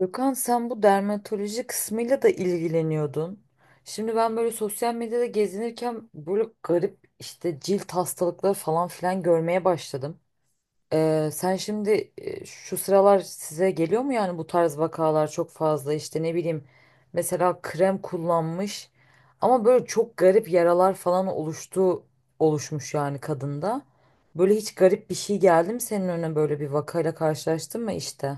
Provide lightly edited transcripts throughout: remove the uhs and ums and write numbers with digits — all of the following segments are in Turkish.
Gökhan, sen bu dermatoloji kısmıyla da ilgileniyordun. Şimdi ben böyle sosyal medyada gezinirken böyle garip işte cilt hastalıkları falan filan görmeye başladım. Sen şimdi şu sıralar size geliyor mu? Yani bu tarz vakalar çok fazla, işte ne bileyim, mesela krem kullanmış ama böyle çok garip yaralar falan oluşmuş yani kadında. Böyle hiç garip bir şey geldi mi senin önüne, böyle bir vakayla karşılaştın mı işte?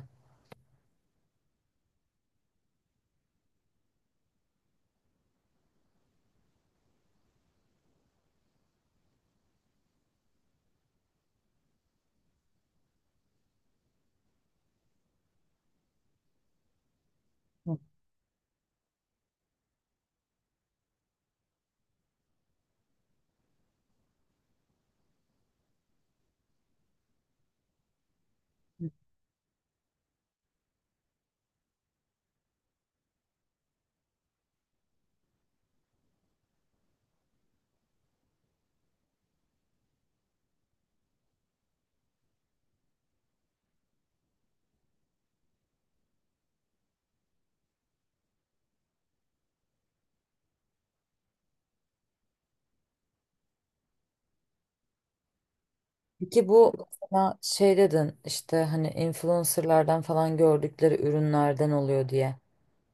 Peki bu, mesela şey dedin, işte hani influencerlardan falan gördükleri ürünlerden oluyor diye.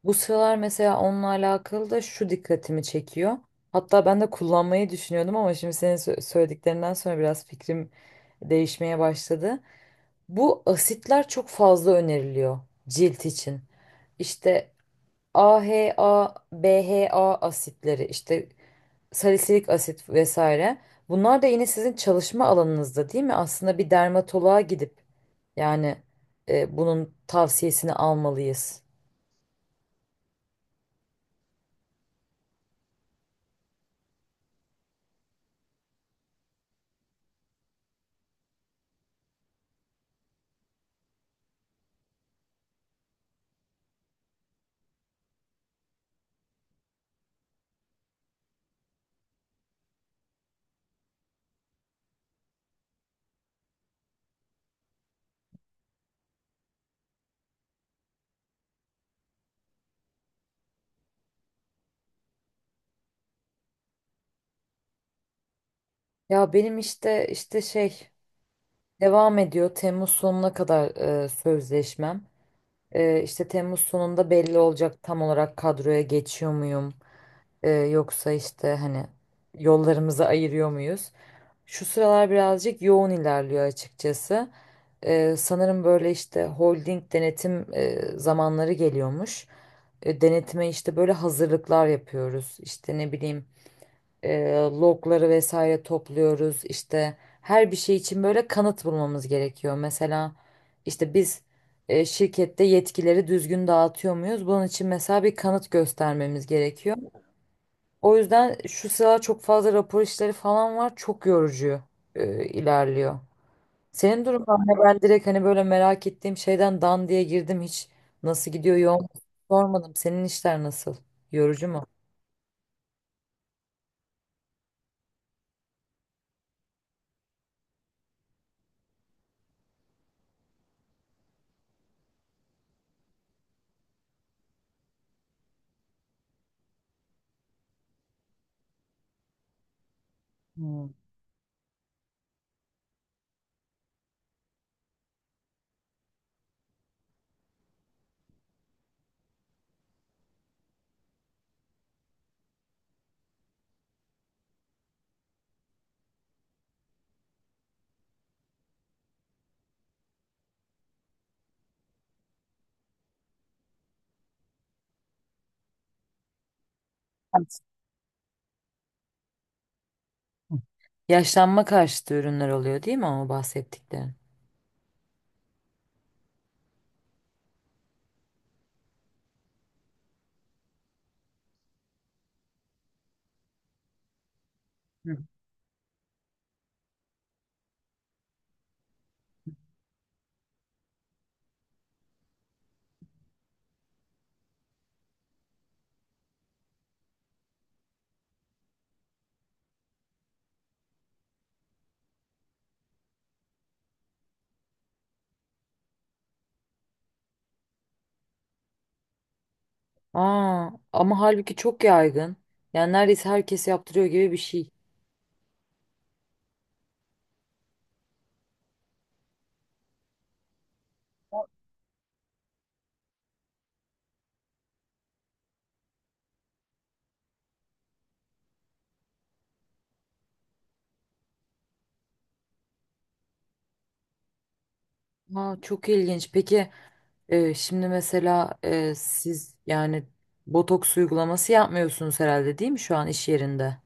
Bu sıralar mesela onunla alakalı da şu dikkatimi çekiyor. Hatta ben de kullanmayı düşünüyordum ama şimdi senin söylediklerinden sonra biraz fikrim değişmeye başladı. Bu asitler çok fazla öneriliyor cilt için. İşte AHA, BHA asitleri, işte salisilik asit vesaire. Bunlar da yine sizin çalışma alanınızda değil mi? Aslında bir dermatoloğa gidip yani bunun tavsiyesini almalıyız. Ya benim işte şey devam ediyor. Temmuz sonuna kadar sözleşmem. İşte Temmuz sonunda belli olacak tam olarak, kadroya geçiyor muyum? Yoksa işte hani yollarımızı ayırıyor muyuz? Şu sıralar birazcık yoğun ilerliyor açıkçası. Sanırım böyle işte holding denetim zamanları geliyormuş. Denetime işte böyle hazırlıklar yapıyoruz. İşte ne bileyim, logları vesaire topluyoruz. İşte her bir şey için böyle kanıt bulmamız gerekiyor. Mesela işte biz şirkette yetkileri düzgün dağıtıyor muyuz? Bunun için mesela bir kanıt göstermemiz gerekiyor. O yüzden şu sıra çok fazla rapor işleri falan var. Çok yorucu ilerliyor. Senin durumun ne? Ben direkt hani böyle merak ettiğim şeyden dan diye girdim. Hiç nasıl gidiyor, yoğun, sormadım. Senin işler nasıl? Yorucu mu? Hmm. Yaşlanma karşıtı ürünler oluyor değil mi ama bahsettiklerin? Hı. Aa, ama halbuki çok yaygın. Yani neredeyse herkes yaptırıyor gibi bir şey. Aa, çok ilginç. Peki, şimdi mesela siz yani botoks uygulaması yapmıyorsunuz herhalde değil mi şu an iş yerinde?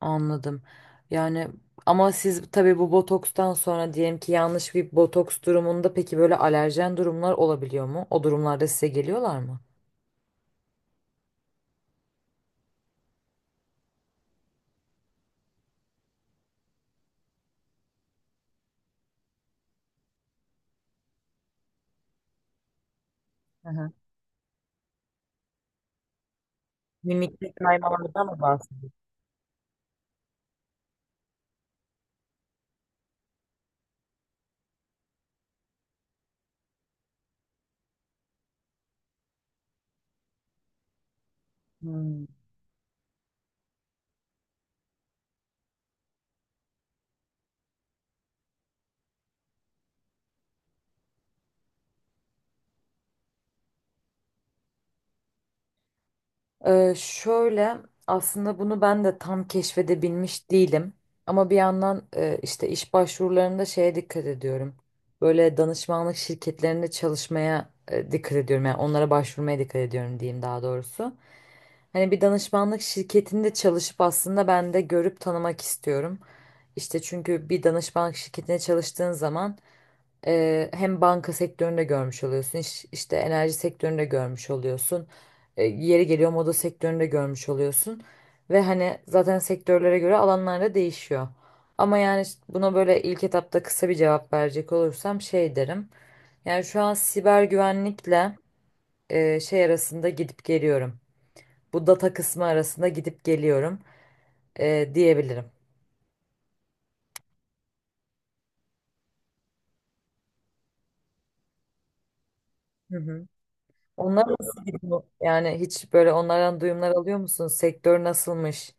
Anladım. Yani ama siz tabii bu botokstan sonra diyelim ki yanlış bir botoks durumunda peki böyle alerjen durumlar olabiliyor mu? O durumlarda size geliyorlar mı? Hı hı. Mimikte kaymalardan mı bahsediyorsunuz? Hmm. Şöyle, aslında bunu ben de tam keşfedebilmiş değilim. Ama bir yandan işte iş başvurularında şeye dikkat ediyorum. Böyle danışmanlık şirketlerinde çalışmaya dikkat ediyorum. Yani onlara başvurmaya dikkat ediyorum diyeyim, daha doğrusu. Hani bir danışmanlık şirketinde çalışıp aslında ben de görüp tanımak istiyorum. İşte çünkü bir danışmanlık şirketine çalıştığın zaman hem banka sektöründe görmüş oluyorsun, işte enerji sektöründe görmüş oluyorsun, yeri geliyor moda sektöründe görmüş oluyorsun ve hani zaten sektörlere göre alanlarda değişiyor. Ama yani işte buna böyle ilk etapta kısa bir cevap verecek olursam şey derim. Yani şu an siber güvenlikle şey arasında gidip geliyorum. Bu data kısmı arasında gidip geliyorum, diyebilirim. Hı hı. Onlar nasıl gidiyor? Yani hiç böyle onlardan duyumlar alıyor musun? Sektör nasılmış?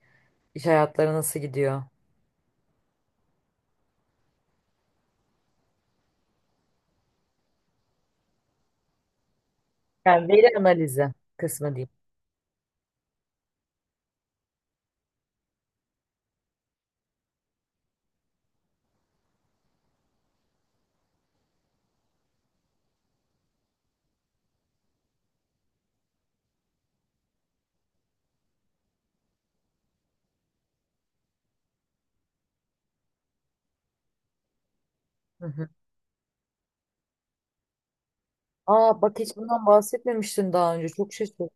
İş hayatları nasıl gidiyor? Yani veri analizi kısmı diyeyim. Hı hı. Aa bak, hiç bundan bahsetmemiştin daha önce. Çok şaşırdım.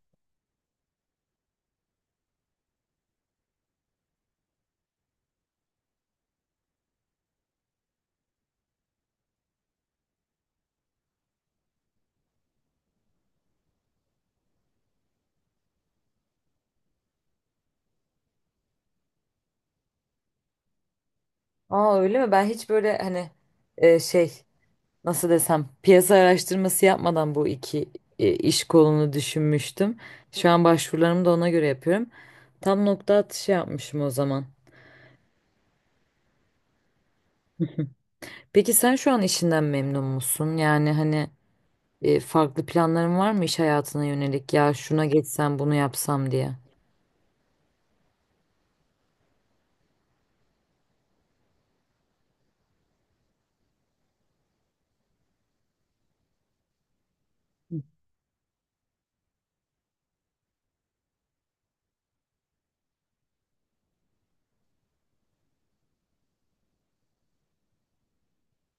Aa, öyle mi? Ben hiç böyle hani e, şey nasıl desem piyasa araştırması yapmadan bu iki iş kolunu düşünmüştüm. Şu an başvurularımı da ona göre yapıyorum. Tam nokta atışı yapmışım o zaman. Peki sen şu an işinden memnun musun? Yani hani farklı planların var mı iş hayatına yönelik? Ya şuna geçsem bunu yapsam diye.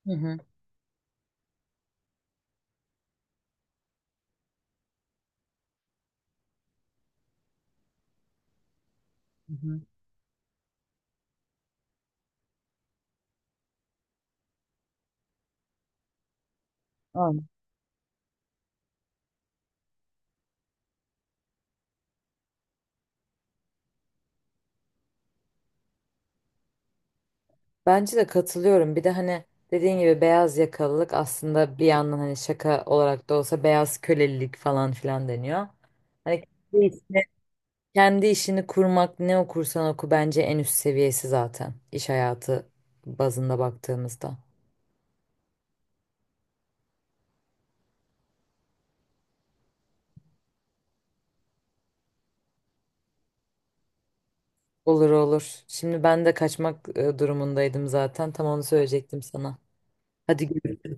Hı hı. Hı hı. Aynen. Bence de katılıyorum. Bir de hani dediğin gibi beyaz yakalılık aslında bir yandan hani şaka olarak da olsa beyaz kölelilik falan filan deniyor. Hani kendi işini, kendi işini kurmak ne okursan oku bence en üst seviyesi, zaten iş hayatı bazında baktığımızda. Olur olur. Şimdi ben de kaçmak durumundaydım zaten. Tam onu söyleyecektim sana. Hadi görüşürüz.